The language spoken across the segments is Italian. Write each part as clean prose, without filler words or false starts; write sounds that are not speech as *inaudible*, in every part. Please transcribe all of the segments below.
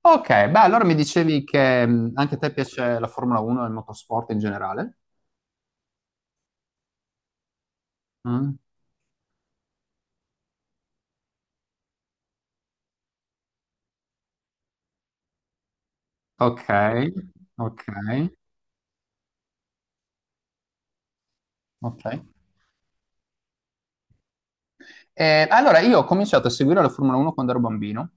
Ok, beh, allora mi dicevi che anche a te piace la Formula 1 e il motorsport in generale? Mm? Ok, ok, ok. Allora, io ho cominciato a seguire la Formula 1 quando ero bambino,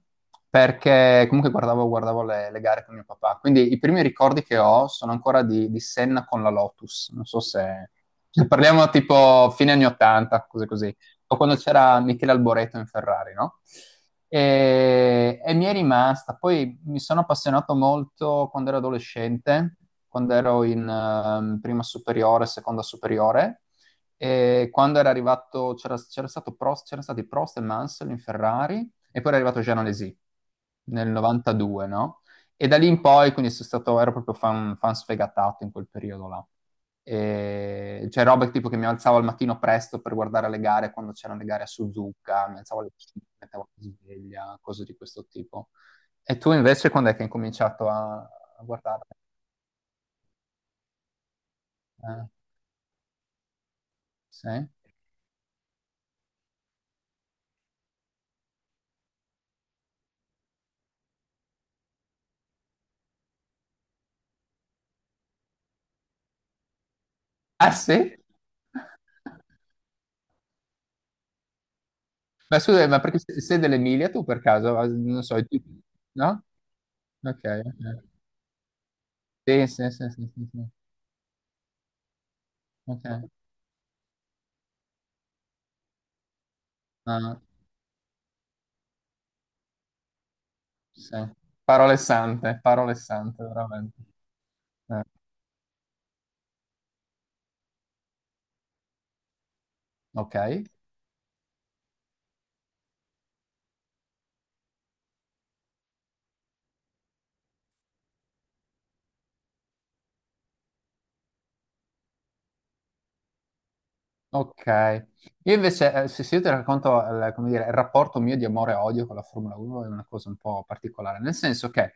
perché comunque guardavo le gare con mio papà. Quindi i primi ricordi che ho sono ancora di Senna con la Lotus. Non so se parliamo tipo fine anni 80, cose così, o quando c'era Michele Alboreto in Ferrari, no? E mi è rimasta. Poi mi sono appassionato molto quando ero adolescente, quando ero in prima superiore, seconda superiore e quando era arrivato, c'era stato Prost, c'erano stati Prost e Mansell in Ferrari, e poi era arrivato Jean nel 92, no? E da lì in poi, quindi sono stato, ero proprio fan, fan sfegatato in quel periodo là. E c'è roba tipo che mi alzavo al mattino presto per guardare le gare quando c'erano le gare a Suzuka, mi alzavo alle 5, mettevo la sveglia, cose di questo tipo. E tu invece quando è che hai cominciato a guardare? Eh, sì? Ah, sì? Ma scusa, ma perché sei dell'Emilia tu per caso? Ah, non so, no? Ok, ok. Sì, sì, sì, sì, sì, sì. Ok. Ah, sì. Parole sante, veramente. Eh, ok. Ok, io invece, se io ti racconto, come dire, il rapporto mio di amore e odio con la Formula 1 è una cosa un po' particolare, nel senso che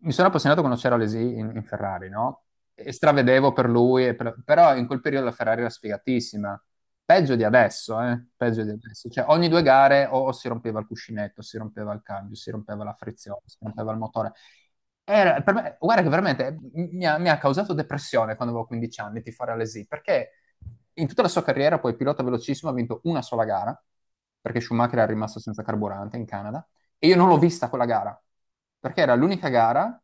mi sono appassionato quando c'era Alesi in Ferrari, no? E stravedevo per lui, però in quel periodo la Ferrari era sfigatissima, peggio di adesso, eh? Peggio di adesso, cioè ogni due gare o si rompeva il cuscinetto, si rompeva il cambio, si rompeva la frizione, si rompeva il motore. Guarda che veramente mi ha causato depressione quando avevo 15 anni tifare all'ESI, perché in tutta la sua carriera poi pilota velocissimo ha vinto una sola gara, perché Schumacher era rimasto senza carburante in Canada, e io non l'ho vista quella gara, perché era l'unica gara,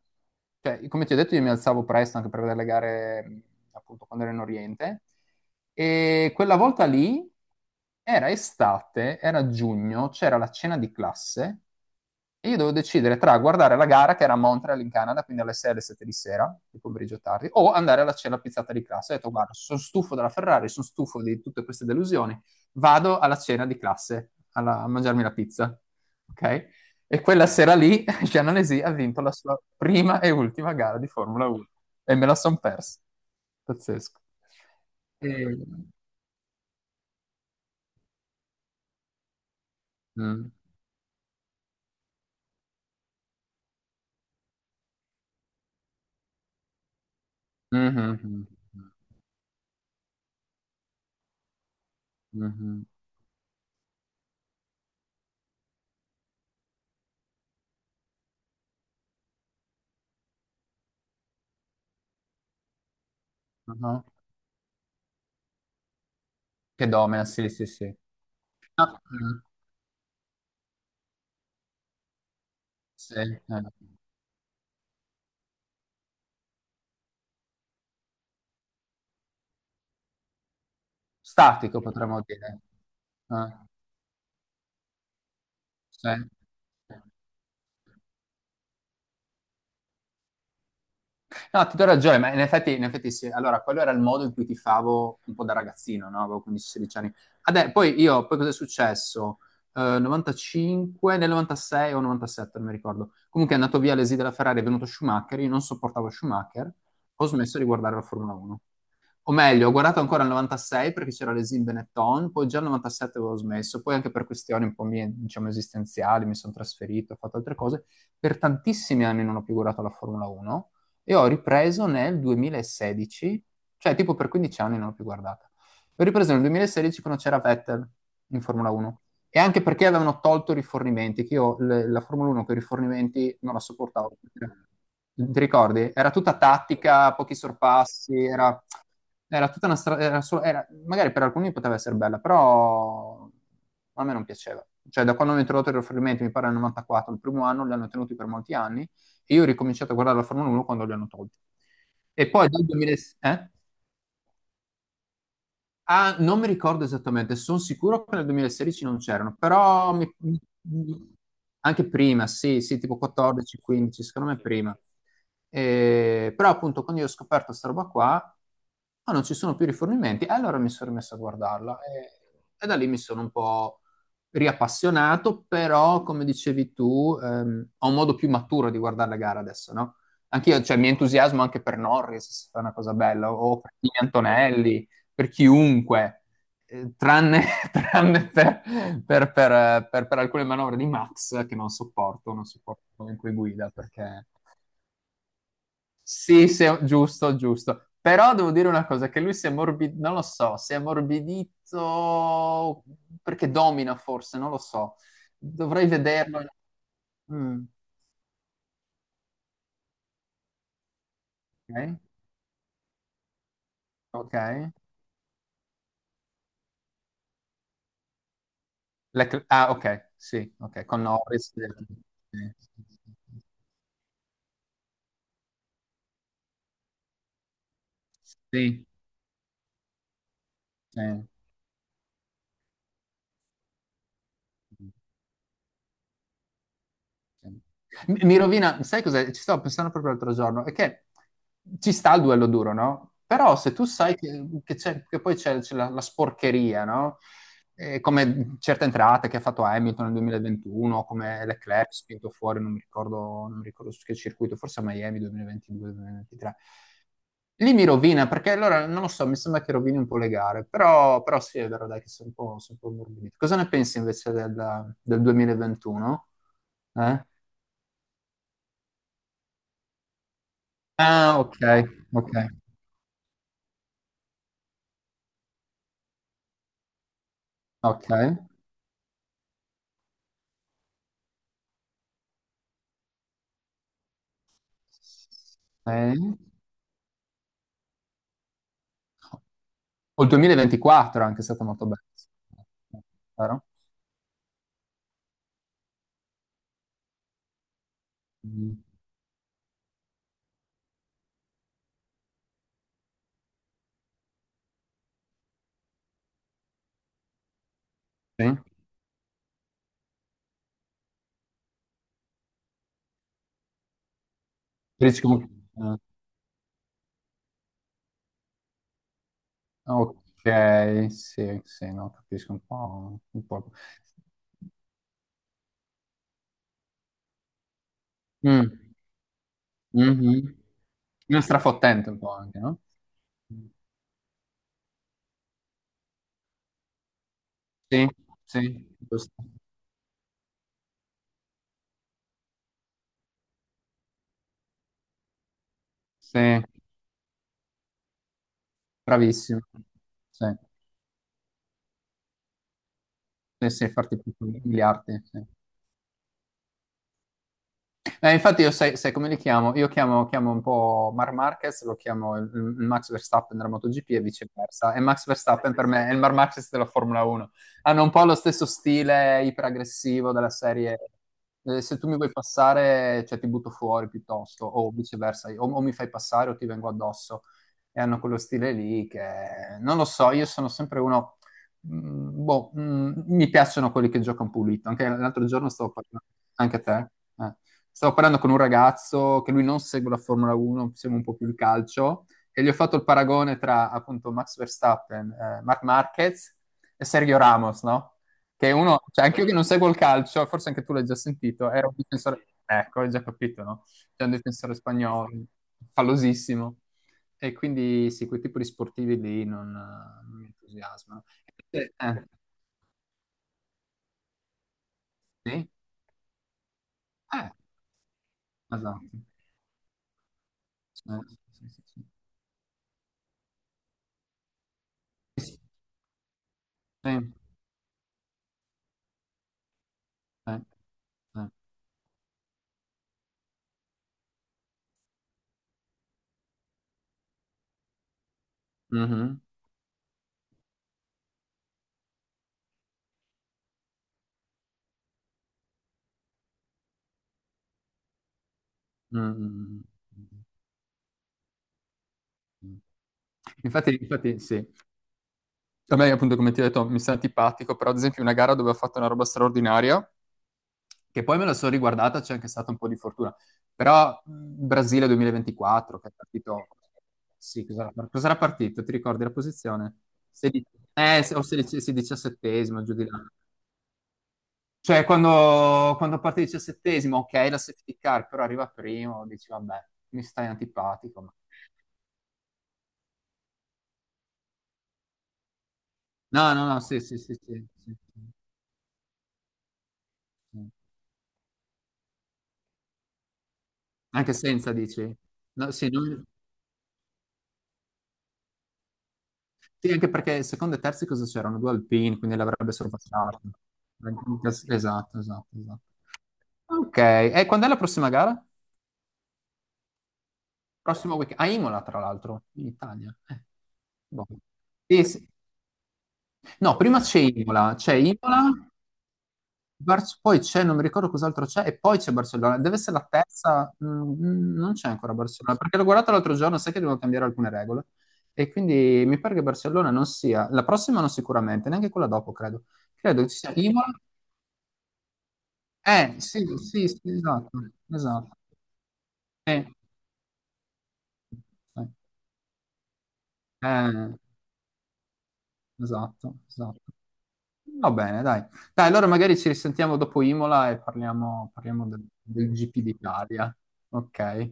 cioè, come ti ho detto, io mi alzavo presto anche per vedere le gare, appunto, quando ero in Oriente, e quella volta lì era estate, era giugno, c'era la cena di classe, e io dovevo decidere tra guardare la gara, che era a Montreal in Canada, quindi alle 6 alle 7 di sera, di pomeriggio tardi, o andare alla cena pizzata di classe. Ho detto, guarda, sono stufo della Ferrari, sono stufo di tutte queste delusioni, vado alla cena di classe a mangiarmi la pizza. Ok? E quella sera lì *laughs* Jean Alesi ha vinto la sua prima e ultima gara di Formula 1 e me la son persa. Pazzesco. E- Mm. Mhm, mhm, mhm, mhm. Che domina, sì, sì, sì. Ah, mm, sì, eh. Statico potremmo dire. Eh, sì. No, ti do ragione, ma in effetti sì. Allora, quello era il modo in cui tifavo un po' da ragazzino, no? Avevo 15-16 anni. Adè, poi io, poi cosa è successo? 95, nel 96 o 97, non mi ricordo. Comunque è andato via l'esì della Ferrari, è venuto Schumacher, io non sopportavo Schumacher, ho smesso di guardare la Formula 1. O meglio, ho guardato ancora il 96 perché c'era l'Esim Benetton, poi già il 97 avevo smesso, poi anche per questioni un po' mie, diciamo, esistenziali, mi sono trasferito, ho fatto altre cose. Per tantissimi anni non ho più guardato la Formula 1 e ho ripreso nel 2016, cioè tipo per 15 anni non l'ho più guardata. L'ho ripreso nel 2016 quando c'era Vettel in Formula 1 e anche perché avevano tolto i rifornimenti, che io la Formula 1 con i rifornimenti non la sopportavo. Ti ricordi? Era tutta tattica, pochi sorpassi, era, tutta una strada, magari per alcuni poteva essere bella, però a me non piaceva. Cioè, da quando hanno introdotto i rifornimenti, mi pare nel 94, il primo anno, li hanno tenuti per molti anni, e io ho ricominciato a guardare la Formula 1 quando li hanno tolti. E poi dal 2006... Eh? Ah, non mi ricordo esattamente, sono sicuro che nel 2016 non c'erano, però mi- anche prima, sì, sì, tipo 14, 15, secondo me prima. Però appunto quando io ho scoperto questa roba qua, ah, non ci sono più rifornimenti, e allora mi sono rimesso a guardarla e da lì mi sono un po' riappassionato, però come dicevi tu, ho un modo più maturo di guardare la gara adesso, no? Anch'io, cioè, mi entusiasmo anche per Norris, se fa una cosa bella, o per Antonelli, per chiunque, tranne, *laughs* tranne per alcune manovre di Max che non sopporto come in cui guida, perché sì, sì, giusto, giusto. Però devo dire una cosa, che lui si è morbidito, non lo so, si è morbidito perché domina forse, non lo so. Dovrei vederlo. Mm, ok, ok. Ah, ok, sì, ok, con Norris. Sì, sì, sì. Sì, sì, sì, sì, sì. Mi rovina, sai cos'è? Ci stavo pensando proprio l'altro giorno, è che ci sta il duello duro, no? Però se tu sai che che poi c'è la sporcheria, no? Come certe entrate che ha fatto Hamilton nel 2021, come Leclerc spinto fuori, non mi ricordo su che circuito, forse a Miami 2022-2023. Lì mi rovina, perché allora, non lo so, mi sembra che rovini un po' le gare, però sì, è vero, dai, che sono un po' ammorbidito. Cosa ne pensi invece del 2021? Eh? Ah, ok, ok, ok. Sì. O il 2024 anche è anche stato molto bello. Vero? Mm, sì. Dici comunque- eh, ok, sì, sì, no, capisco un po'. Un po'. Mm, mhm. Uno strafottente un po' anche, no? Sì, sì, giusto. Sì, bravissimo. Sì, sì, sì, farti più miliardi. Sì. Infatti io sai come li chiamo? Io chiamo un po' Marc Marquez, lo chiamo il Max Verstappen della MotoGP e viceversa. E Max Verstappen per me è il Marc Marquez della Formula 1. Hanno un po' lo stesso stile iperaggressivo della serie. Se tu mi vuoi passare, cioè ti butto fuori piuttosto, o viceversa, o mi fai passare o ti vengo addosso. E hanno quello stile lì che non lo so, io sono sempre uno... boh, mi piacciono quelli che giocano pulito. Anche l'altro giorno stavo parlando. Anche a te? Eh. Stavo parlando con un ragazzo che lui non segue la Formula 1, segue un po' più il calcio, e gli ho fatto il paragone tra appunto Max Verstappen, Marc Marquez e Sergio Ramos, no? Che uno, cioè anche io che non seguo il calcio, forse anche tu l'hai già sentito, era un difensore, ecco, hai già capito, no? C'è un difensore spagnolo, fallosissimo. E quindi sì, quel tipo di sportivi lì non mi entusiasmano. Eh, sì, eh, esatto. Eh, sì, sì, sì. Sì, sì, sì. Mhm, mm, mm, mm. Infatti, infatti, sì. A me, appunto, come ti ho detto, mi sta antipatico, però ad esempio una gara dove ho fatto una roba straordinaria, che poi me la sono riguardata, c'è anche stata un po' di fortuna. Però Brasile 2024, che è partito... Sì, cos'era partito? Ti ricordi la posizione? Sedi- sì, 17º, giù di là. Cioè, quando, parte il 17º, ok, la safety car, però arriva primo, dici, vabbè, mi stai antipatico. Ma- No, no, no, sì, sì, sì, sì, sì, sì. Anche senza, dici? No, sì, sì, anche perché secondo e terzi cosa c'erano? Due alpini, quindi l'avrebbe sorpassato. Esatto, esatto, esatto. Ok, e quando è la prossima gara? Prossimo weekend? A Imola, tra l'altro, in Italia. Boh. Sì, sì. No, prima c'è Imola, c'è Imola, poi c'è, non mi ricordo cos'altro c'è, e poi c'è Barcellona. Deve essere la terza, non c'è ancora Barcellona, perché l'ho guardata l'altro giorno, sai che devo cambiare alcune regole. E quindi mi pare che Barcellona non sia, la prossima non sicuramente, neanche quella dopo, credo. Credo ci sia Imola. Sì, sì, sì, esatto, esatto. Eh, eh, esatto, esatto. Va bene, dai. Dai, allora magari ci risentiamo dopo Imola e parliamo del GP d'Italia. Ok.